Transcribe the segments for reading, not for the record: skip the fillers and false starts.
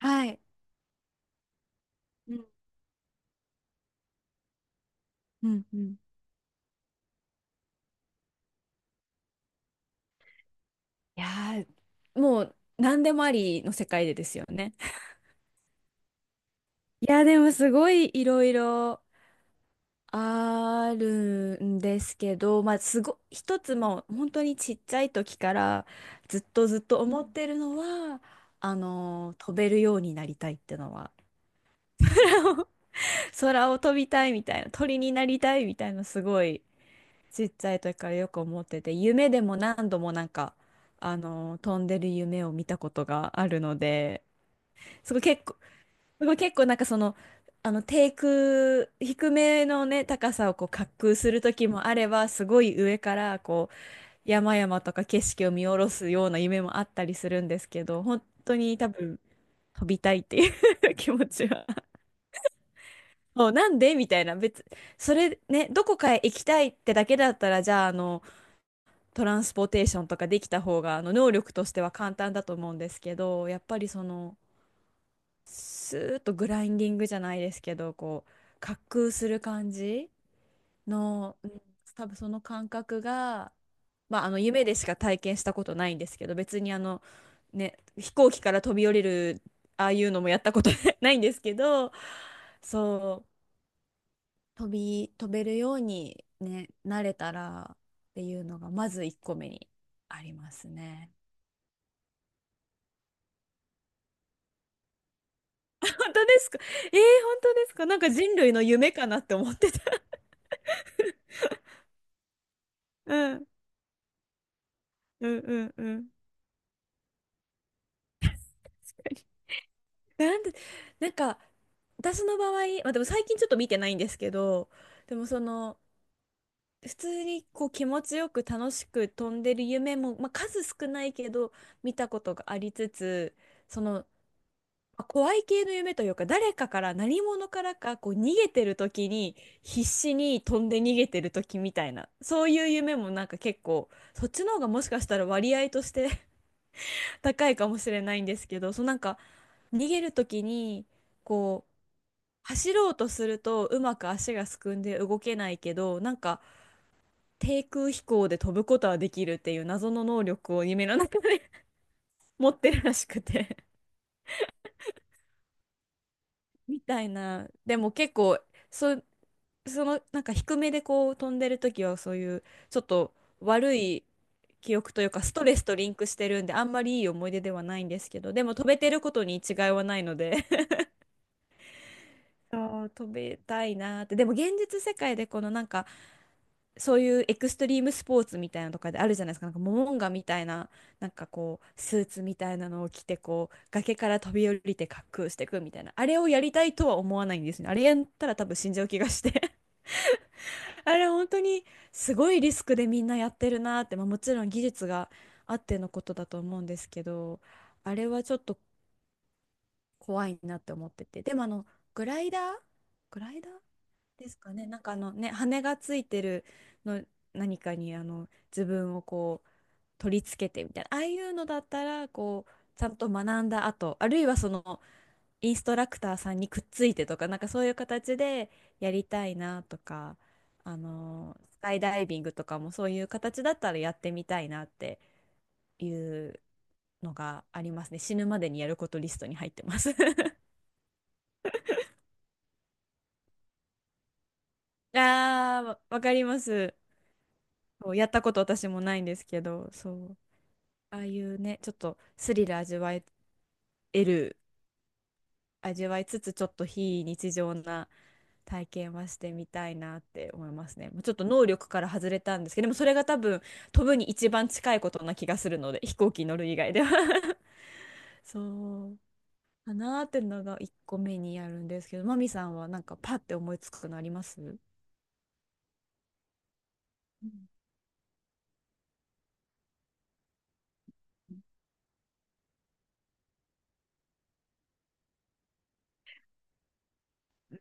はい。うん。うん。うん。いやー、もう何でもありの世界でですよね。いや、でもすごいいろいろあるんですけど、まあ、一つもう本当にちっちゃい時からずっと思ってるのは、飛べるようになりたいってのは、空を飛びたいみたいな、鳥になりたいみたいな、すごいちっちゃい時からよく思ってて、夢でも何度も飛んでる夢を見たことがあるので、すごい結構、すごい結構低空、低めのね、高さをこう滑空する時もあれば、すごい上からこう、山々とか景色を見下ろすような夢もあったりするんですけど、本当に多分、飛びたいっていう 気持ちは。もうなんでみたいな、それね、どこかへ行きたいってだけだったら、じゃあ、トランスポーテーションとかできた方があの能力としては簡単だと思うんですけど、やっぱりそのスーッとグラインディングじゃないですけど、こう滑空する感じの、うん、多分その感覚が、まあ、あの夢でしか体験したことないんですけど、別にあの、ね、飛行機から飛び降りるああいうのもやったこと ないんですけど、そう飛べるように、ね、なれたらっていうのがまず1個目にありますね。本当ですか？えー、本当ですか？なんか人類の夢かなって思ってた。うん、うん、うん、うん。なんで、なんか、私の場合、まあ、でも最近ちょっと見てないんですけど、でもその、普通にこう気持ちよく楽しく飛んでる夢も、まあ、数少ないけど見たことがありつつ、その怖い系の夢というか、誰かから何者からかこう逃げてる時に必死に飛んで逃げてる時みたいな、そういう夢もなんか結構、そっちの方がもしかしたら割合として 高いかもしれないんですけど、そうなんか逃げる時にこう走ろうとするとうまく足がすくんで動けないけど、なんか低空飛行で飛ぶことはできるっていう謎の能力を夢の中 で持ってるらしくて みたいな。でも結構、そう、そのなんか低めでこう飛んでる時はそういうちょっと悪い記憶というかストレスとリンクしてるんで、あんまりいい思い出ではないんですけど、でも飛べてることに違いはないので そう飛べたいなーって。でも現実世界でこのなんかそういうエクストリームスポーツみたいなのとかであるじゃないですか、なんかモモンガみたいな、なんかこう、スーツみたいなのを着て、こう、崖から飛び降りて滑空していくみたいな、あれをやりたいとは思わないんですね。あれやったら多分死んじゃう気がして。あれ本当にすごいリスクでみんなやってるなって、まあ、もちろん技術があってのことだと思うんですけど、あれはちょっと怖いなって思ってて。でもグライダーグライダーですかね。なんかあのね、羽がついてるの、何かにあの自分をこう取り付けてみたいな、ああいうのだったらこうちゃんと学んだ後、あるいはそのインストラクターさんにくっついてとか、なんかそういう形でやりたいなとか、あのースカイダイビングとかもそういう形だったらやってみたいなっていうのがありますね。死ぬまでにやることリストに入ってます。ああ、わかります。そうやったこと私もないんですけど、そう。ああいうね、ちょっとスリル味わえる、味わいつつ、ちょっと非日常な体験はしてみたいなって思いますね。もうちょっと能力から外れたんですけど、でもそれが多分飛ぶに一番近いことな気がするので、飛行機に乗る以外では そうかなーってのが一個目にやるんですけど、マミさんはなんかパッて思いつくのあります？うん、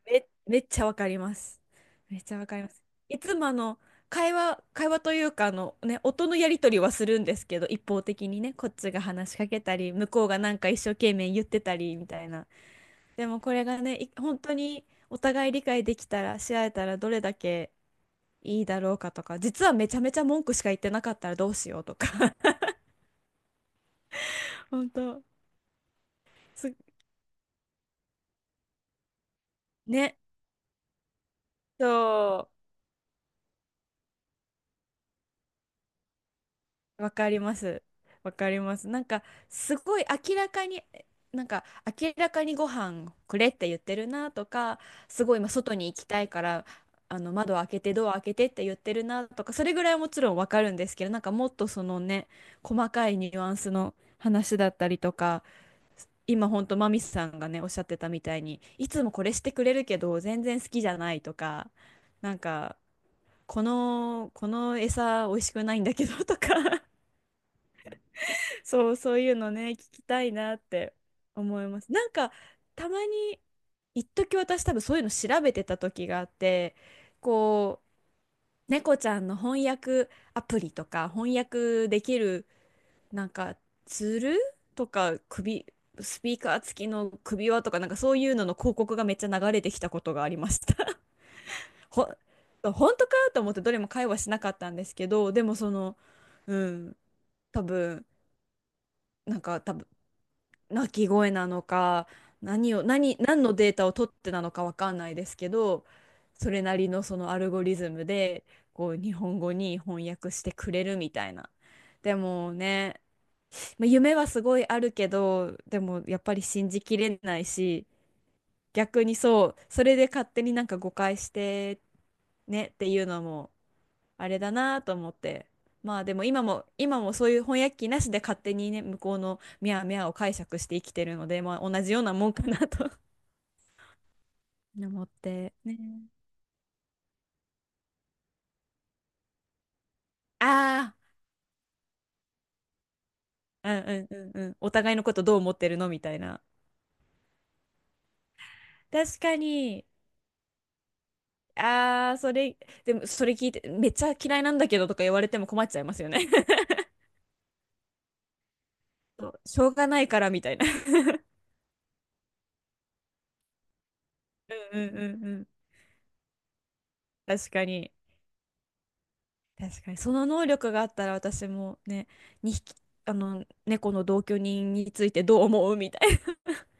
め、めっちゃわかります。めっちゃわかります。いつもあの会話というかあの、ね、音のやり取りはするんですけど、一方的にね、こっちが話しかけたり、向こうがなんか一生懸命言ってたりみたいな。でもこれがね、本当にお互い理解できたら、し合えたらどれだけいいだろうかとか、実はめちゃめちゃ文句しか言ってなかったらどうしようとか、本当、す、ね、そうわかります。わかります。すごい明らかに、なんか、明らかにご飯くれって言ってるなとか、すごい今外に行きたいから、あの、窓開けて、ドア開けてって言ってるなとか、それぐらいはもちろんわかるんですけど、なんかもっとそのね、細かいニュアンスの話だったりとか、今ほんとマミスさんがね、おっしゃってたみたいに、いつもこれしてくれるけど、全然好きじゃないとか、なんか、この餌美味しくないんだけどとか、そういうのね、聞きたいなって思います。なんか、たまに、一時私多分そういうの調べてた時があって、こう、猫ちゃんの翻訳アプリとか、翻訳できる、なんか、ツールとか、スピーカー付きの首輪とか、なんかそういうのの広告がめっちゃ流れてきたことがありました。ほ、本当かと思ってどれも会話しなかったんですけど、でもその、うん、多分、多分鳴き声なのか、何を何、何のデータを取ってなのかわかんないですけど、それなりのそのアルゴリズムでこう日本語に翻訳してくれるみたいな。でもね、まあ、夢はすごいあるけど、でもやっぱり信じきれないし、逆にそうそれで勝手になんか誤解してねっていうのもあれだなと思って。まあでも今もそういう翻訳機なしで勝手にね、向こうのミャーミャーを解釈して生きてるので、まあ同じようなもんかなと 思って。ね。ああ、うんうんうんうん。お互いのことどう思ってるのみたいな。確かに。ああ、それ、でもそれ聞いて、めっちゃ嫌いなんだけどとか言われても困っちゃいますよね。そうしょうがないからみたいな。うんうんうんうん。確かに。確かにその能力があったら私もね、2匹あの猫の同居人についてどう思うみたいな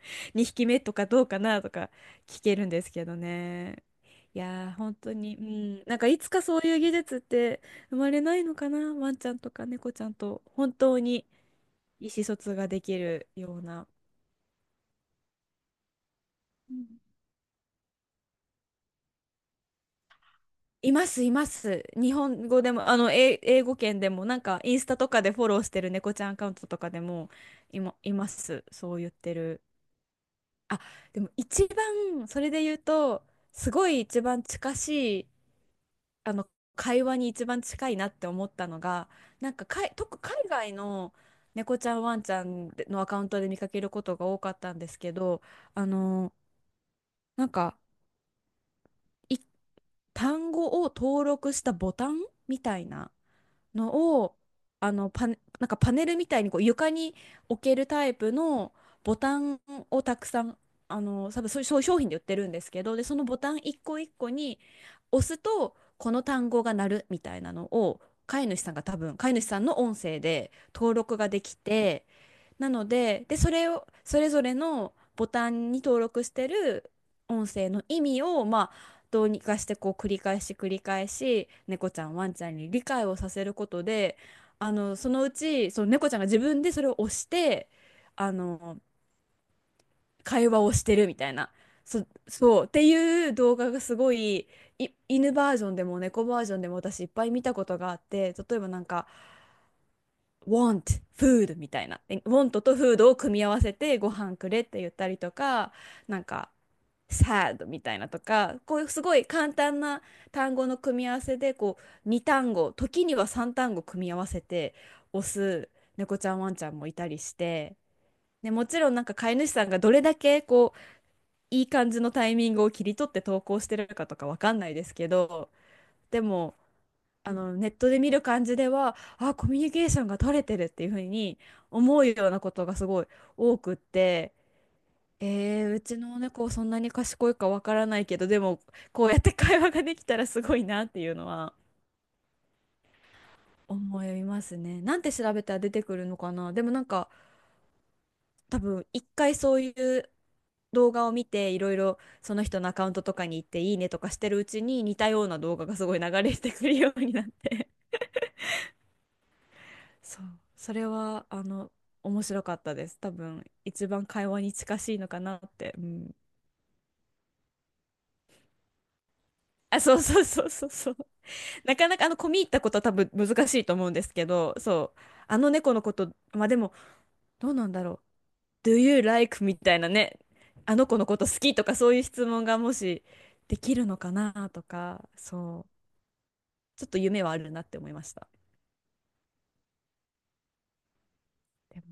2匹目とかどうかなとか聞けるんですけどね。いやー本当に、うん、なんかいつかそういう技術って生まれないのかな、ワンちゃんとか猫ちゃんと本当に意思疎通ができるような。います、います。日本語でも、あの、英語圏でも、なんか、インスタとかでフォローしてる猫ちゃんアカウントとかでも、います。そう言ってる。あ、でも一番、それで言うと、すごい一番近しい、あの、会話に一番近いなって思ったのが、なんか、かい、特、海外の猫ちゃん、ワンちゃんのアカウントで見かけることが多かったんですけど、あの、なんか、い単語を登録したボタンみたいな。のをあのパネ、なんかパネルみたいにこう床に置けるタイプのボタンをたくさん、あの、多分そういう商品で売ってるんですけど、で、そのボタン一個一個に押すとこの単語が鳴るみたいなのを飼い主さんが、多分飼い主さんの音声で登録ができて、なので、で、それを、それぞれのボタンに登録してる音声の意味を、まあ、どうにかしてこう繰り返し繰り返し、猫ちゃん、ワンちゃんに理解をさせることで、あの、そのうち、その猫ちゃんが自分でそれを押して、あの、会話をしてるみたいな、そう、っていう動画がすごい、犬バージョンでも猫バージョンでも私いっぱい見たことがあって、例えばなんか、want food みたいな。want と food を組み合わせてご飯くれって言ったりとか、なんか sad みたいなとか、こういうすごい簡単な単語の組み合わせで、こう2単語、時には3単語組み合わせて押す猫ちゃんワンちゃんもいたりして、ね、もちろんなんか飼い主さんがどれだけこういい感じのタイミングを切り取って投稿してるかとかわかんないですけど、でも、あの、ネットで見る感じでは、あ、コミュニケーションが取れてるっていうふうに思うようなことがすごい多くって、うちの猫そんなに賢いかわからないけど、でもこうやって会話ができたらすごいなっていうのは思いますね。なんて調べたら出てくるのかな。でもなんか多分一回そういう動画を見て、いろいろその人のアカウントとかに行っていいねとかしてるうちに、似たような動画がすごい流れてくるようになって、そう、それはあの面白かったです。多分一番会話に近しいのかなって。うん、あ、そうそうそうそうそう。なかなかあの込み入ったことは多分難しいと思うんですけど、そう、あの猫のこと、まあでもどうなんだろう。Do you like みたいなね、あの子のこと好きとかそういう質問がもしできるのかなとか、そう、ちょっと夢はあるなって思いました。でも